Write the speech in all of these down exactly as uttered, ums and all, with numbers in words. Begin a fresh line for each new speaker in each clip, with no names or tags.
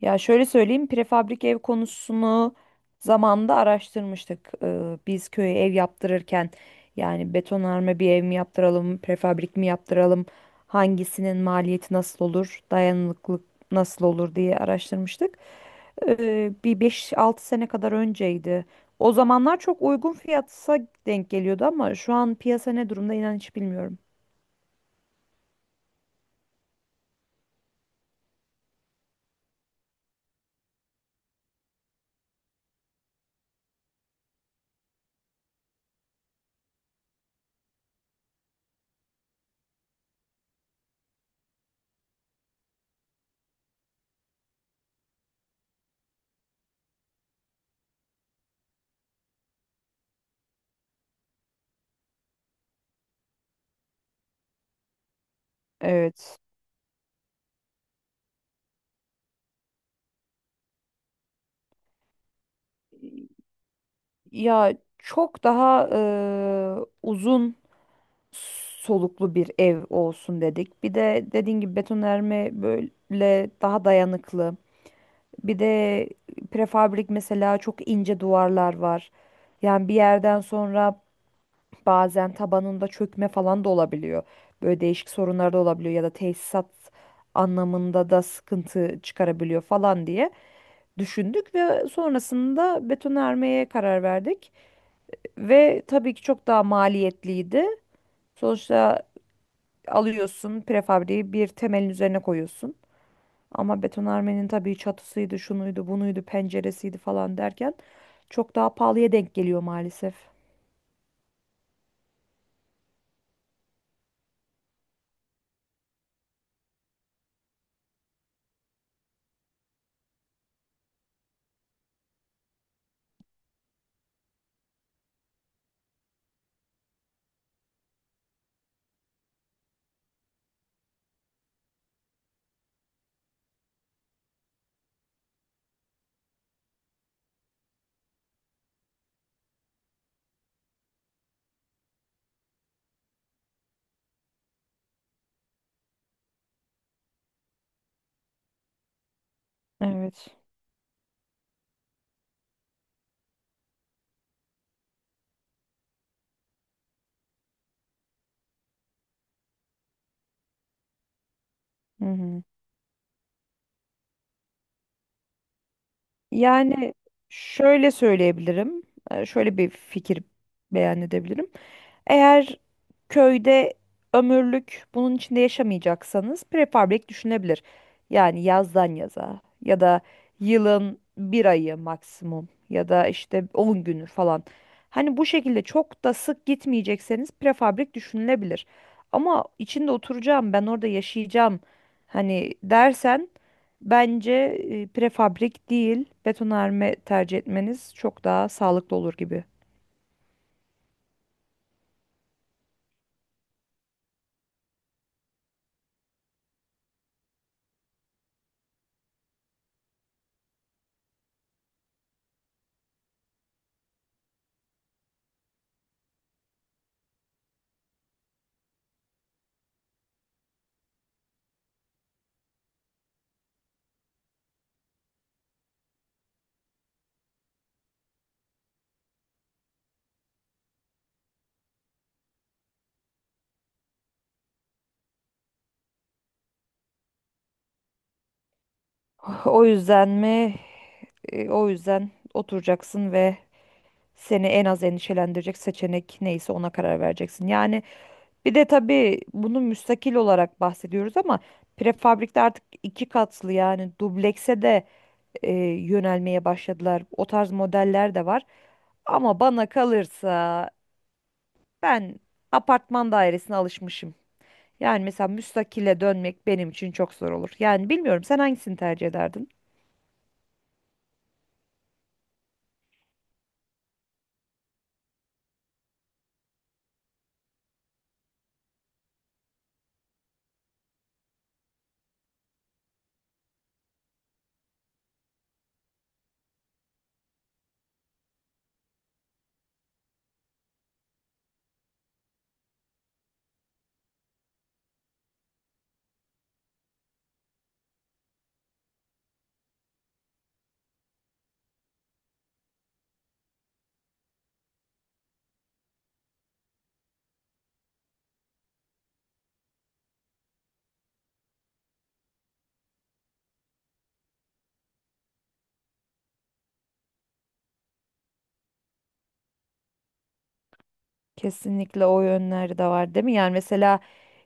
Ya şöyle söyleyeyim, prefabrik ev konusunu zamanında araştırmıştık. Ee, biz köye ev yaptırırken yani betonarme bir ev mi yaptıralım, prefabrik mi yaptıralım, hangisinin maliyeti nasıl olur, dayanıklılık nasıl olur diye araştırmıştık. Ee, bir beş altı sene kadar önceydi. O zamanlar çok uygun fiyatsa denk geliyordu ama şu an piyasa ne durumda inan hiç bilmiyorum. Evet. Ya çok daha eee, uzun soluklu bir ev olsun dedik. Bir de dediğin gibi betonarme böyle daha dayanıklı. Bir de prefabrik mesela çok ince duvarlar var. Yani bir yerden sonra bazen tabanında çökme falan da olabiliyor. Böyle değişik sorunlar da olabiliyor ya da tesisat anlamında da sıkıntı çıkarabiliyor falan diye düşündük ve sonrasında betonarmeye karar verdik. Ve tabii ki çok daha maliyetliydi. Sonuçta alıyorsun prefabriği bir temelin üzerine koyuyorsun. Ama betonarmenin tabii çatısıydı, şunuydu, bunuydu, penceresiydi falan derken çok daha pahalıya denk geliyor maalesef. Evet. Hı hı. Yani şöyle söyleyebilirim. e, Şöyle bir fikir beyan edebilirim. Eğer köyde ömürlük bunun içinde yaşamayacaksanız prefabrik düşünebilir. Yani yazdan yaza ya da yılın bir ayı maksimum ya da işte on günü falan. Hani bu şekilde çok da sık gitmeyecekseniz prefabrik düşünülebilir. Ama içinde oturacağım, ben orada yaşayacağım hani dersen bence e, prefabrik değil betonarme tercih etmeniz çok daha sağlıklı olur gibi. O yüzden mi? E, o yüzden oturacaksın ve seni en az endişelendirecek seçenek neyse ona karar vereceksin. Yani bir de tabii bunu müstakil olarak bahsediyoruz ama prefabrikte artık iki katlı yani dublekse de e, yönelmeye başladılar. O tarz modeller de var. Ama bana kalırsa ben apartman dairesine alışmışım. Yani mesela müstakile dönmek benim için çok zor olur. Yani bilmiyorum sen hangisini tercih ederdin? Kesinlikle o yönleri de var değil mi? Yani mesela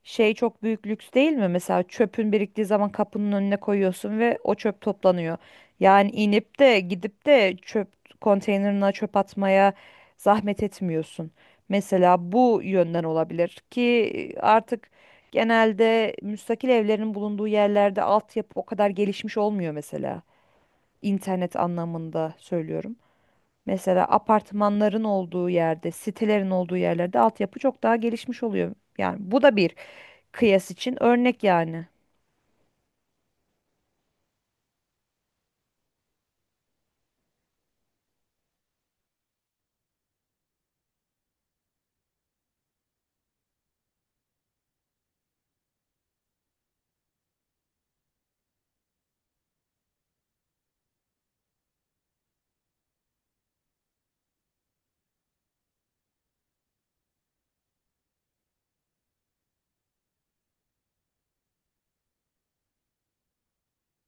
şey çok büyük lüks değil mi? Mesela çöpün biriktiği zaman kapının önüne koyuyorsun ve o çöp toplanıyor. Yani inip de gidip de çöp konteynerına çöp atmaya zahmet etmiyorsun. Mesela bu yönden olabilir ki artık genelde müstakil evlerin bulunduğu yerlerde altyapı o kadar gelişmiş olmuyor mesela. İnternet anlamında söylüyorum. Mesela apartmanların olduğu yerde, sitelerin olduğu yerlerde altyapı çok daha gelişmiş oluyor. Yani bu da bir kıyas için örnek yani.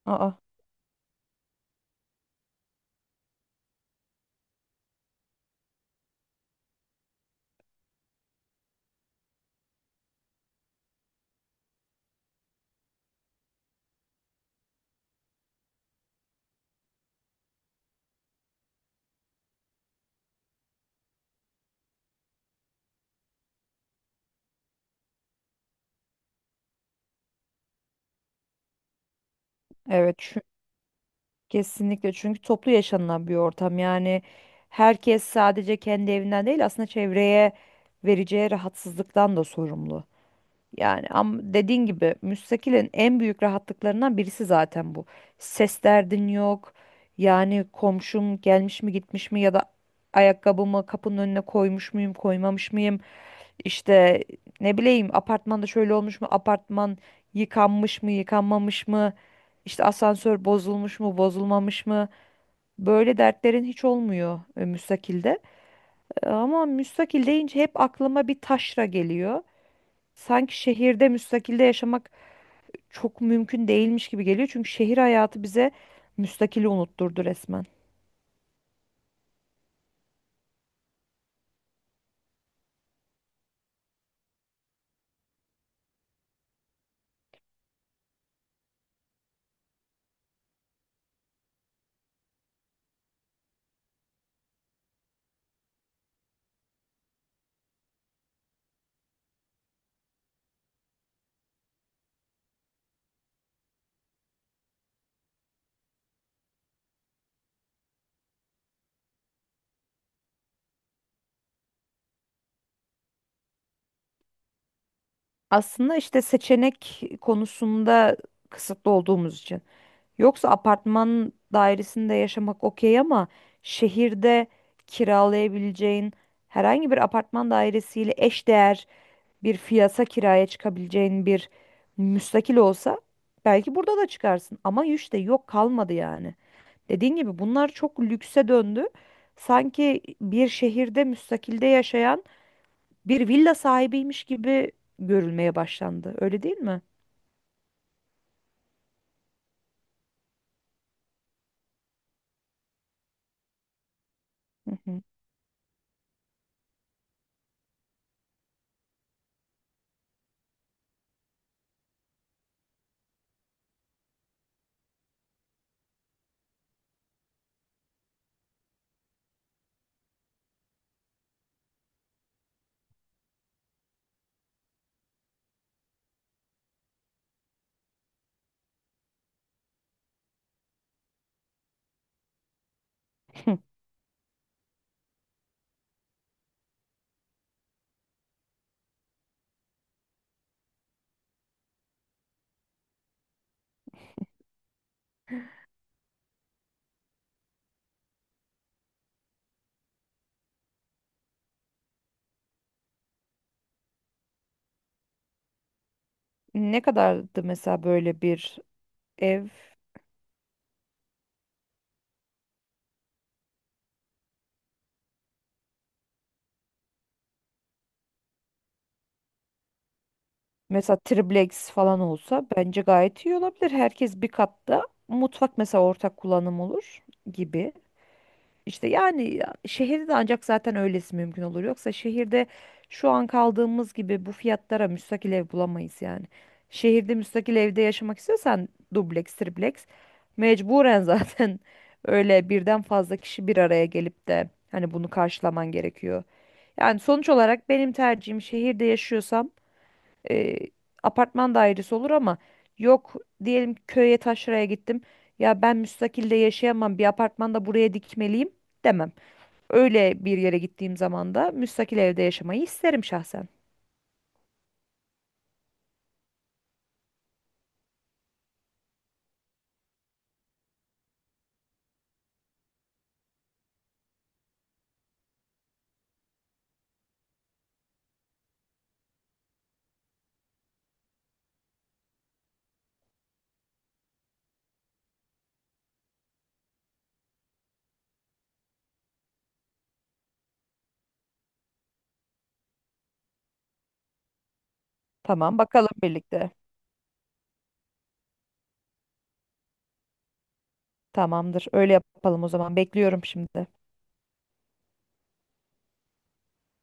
Aa, evet, çü- kesinlikle, çünkü toplu yaşanılan bir ortam. Yani herkes sadece kendi evinden değil aslında çevreye vereceği rahatsızlıktan da sorumlu. Yani ama dediğin gibi müstakilin en büyük rahatlıklarından birisi zaten bu. Ses derdin yok. Yani komşum gelmiş mi gitmiş mi ya da ayakkabımı kapının önüne koymuş muyum koymamış mıyım? İşte ne bileyim apartmanda şöyle olmuş mu, apartman yıkanmış mı yıkanmamış mı? İşte asansör bozulmuş mu bozulmamış mı? Böyle dertlerin hiç olmuyor e, müstakilde. E, Ama müstakil deyince hep aklıma bir taşra geliyor. Sanki şehirde müstakilde yaşamak çok mümkün değilmiş gibi geliyor. Çünkü şehir hayatı bize müstakili unutturdu resmen. Aslında işte seçenek konusunda kısıtlı olduğumuz için. Yoksa apartman dairesinde yaşamak okey ama şehirde kiralayabileceğin herhangi bir apartman dairesiyle eşdeğer bir fiyata kiraya çıkabileceğin bir müstakil olsa belki burada da çıkarsın. Ama işte yok, kalmadı yani. Dediğin gibi bunlar çok lükse döndü. Sanki bir şehirde müstakilde yaşayan bir villa sahibiymiş gibi görülmeye başlandı. Öyle değil mi? Hı hı. Ne kadardı mesela böyle bir ev? Mesela triplex falan olsa bence gayet iyi olabilir. Herkes bir katta. Mutfak mesela ortak kullanım olur gibi. İşte yani ya- şehirde de ancak zaten öylesi mümkün olur. Yoksa şehirde şu an kaldığımız gibi bu fiyatlara müstakil ev bulamayız yani. Şehirde müstakil evde yaşamak istiyorsan dubleks, tripleks mecburen zaten öyle birden fazla kişi bir araya gelip de hani bunu karşılaman gerekiyor. Yani sonuç olarak benim tercihim şehirde yaşıyorsam e, apartman dairesi olur ama yok, diyelim ki köye taşraya gittim. Ya ben müstakilde yaşayamam, bir apartmanda buraya dikmeliyim demem. Öyle bir yere gittiğim zaman da müstakil evde yaşamayı isterim şahsen. Tamam, bakalım birlikte. Tamamdır. Öyle yapalım o zaman. Bekliyorum şimdi.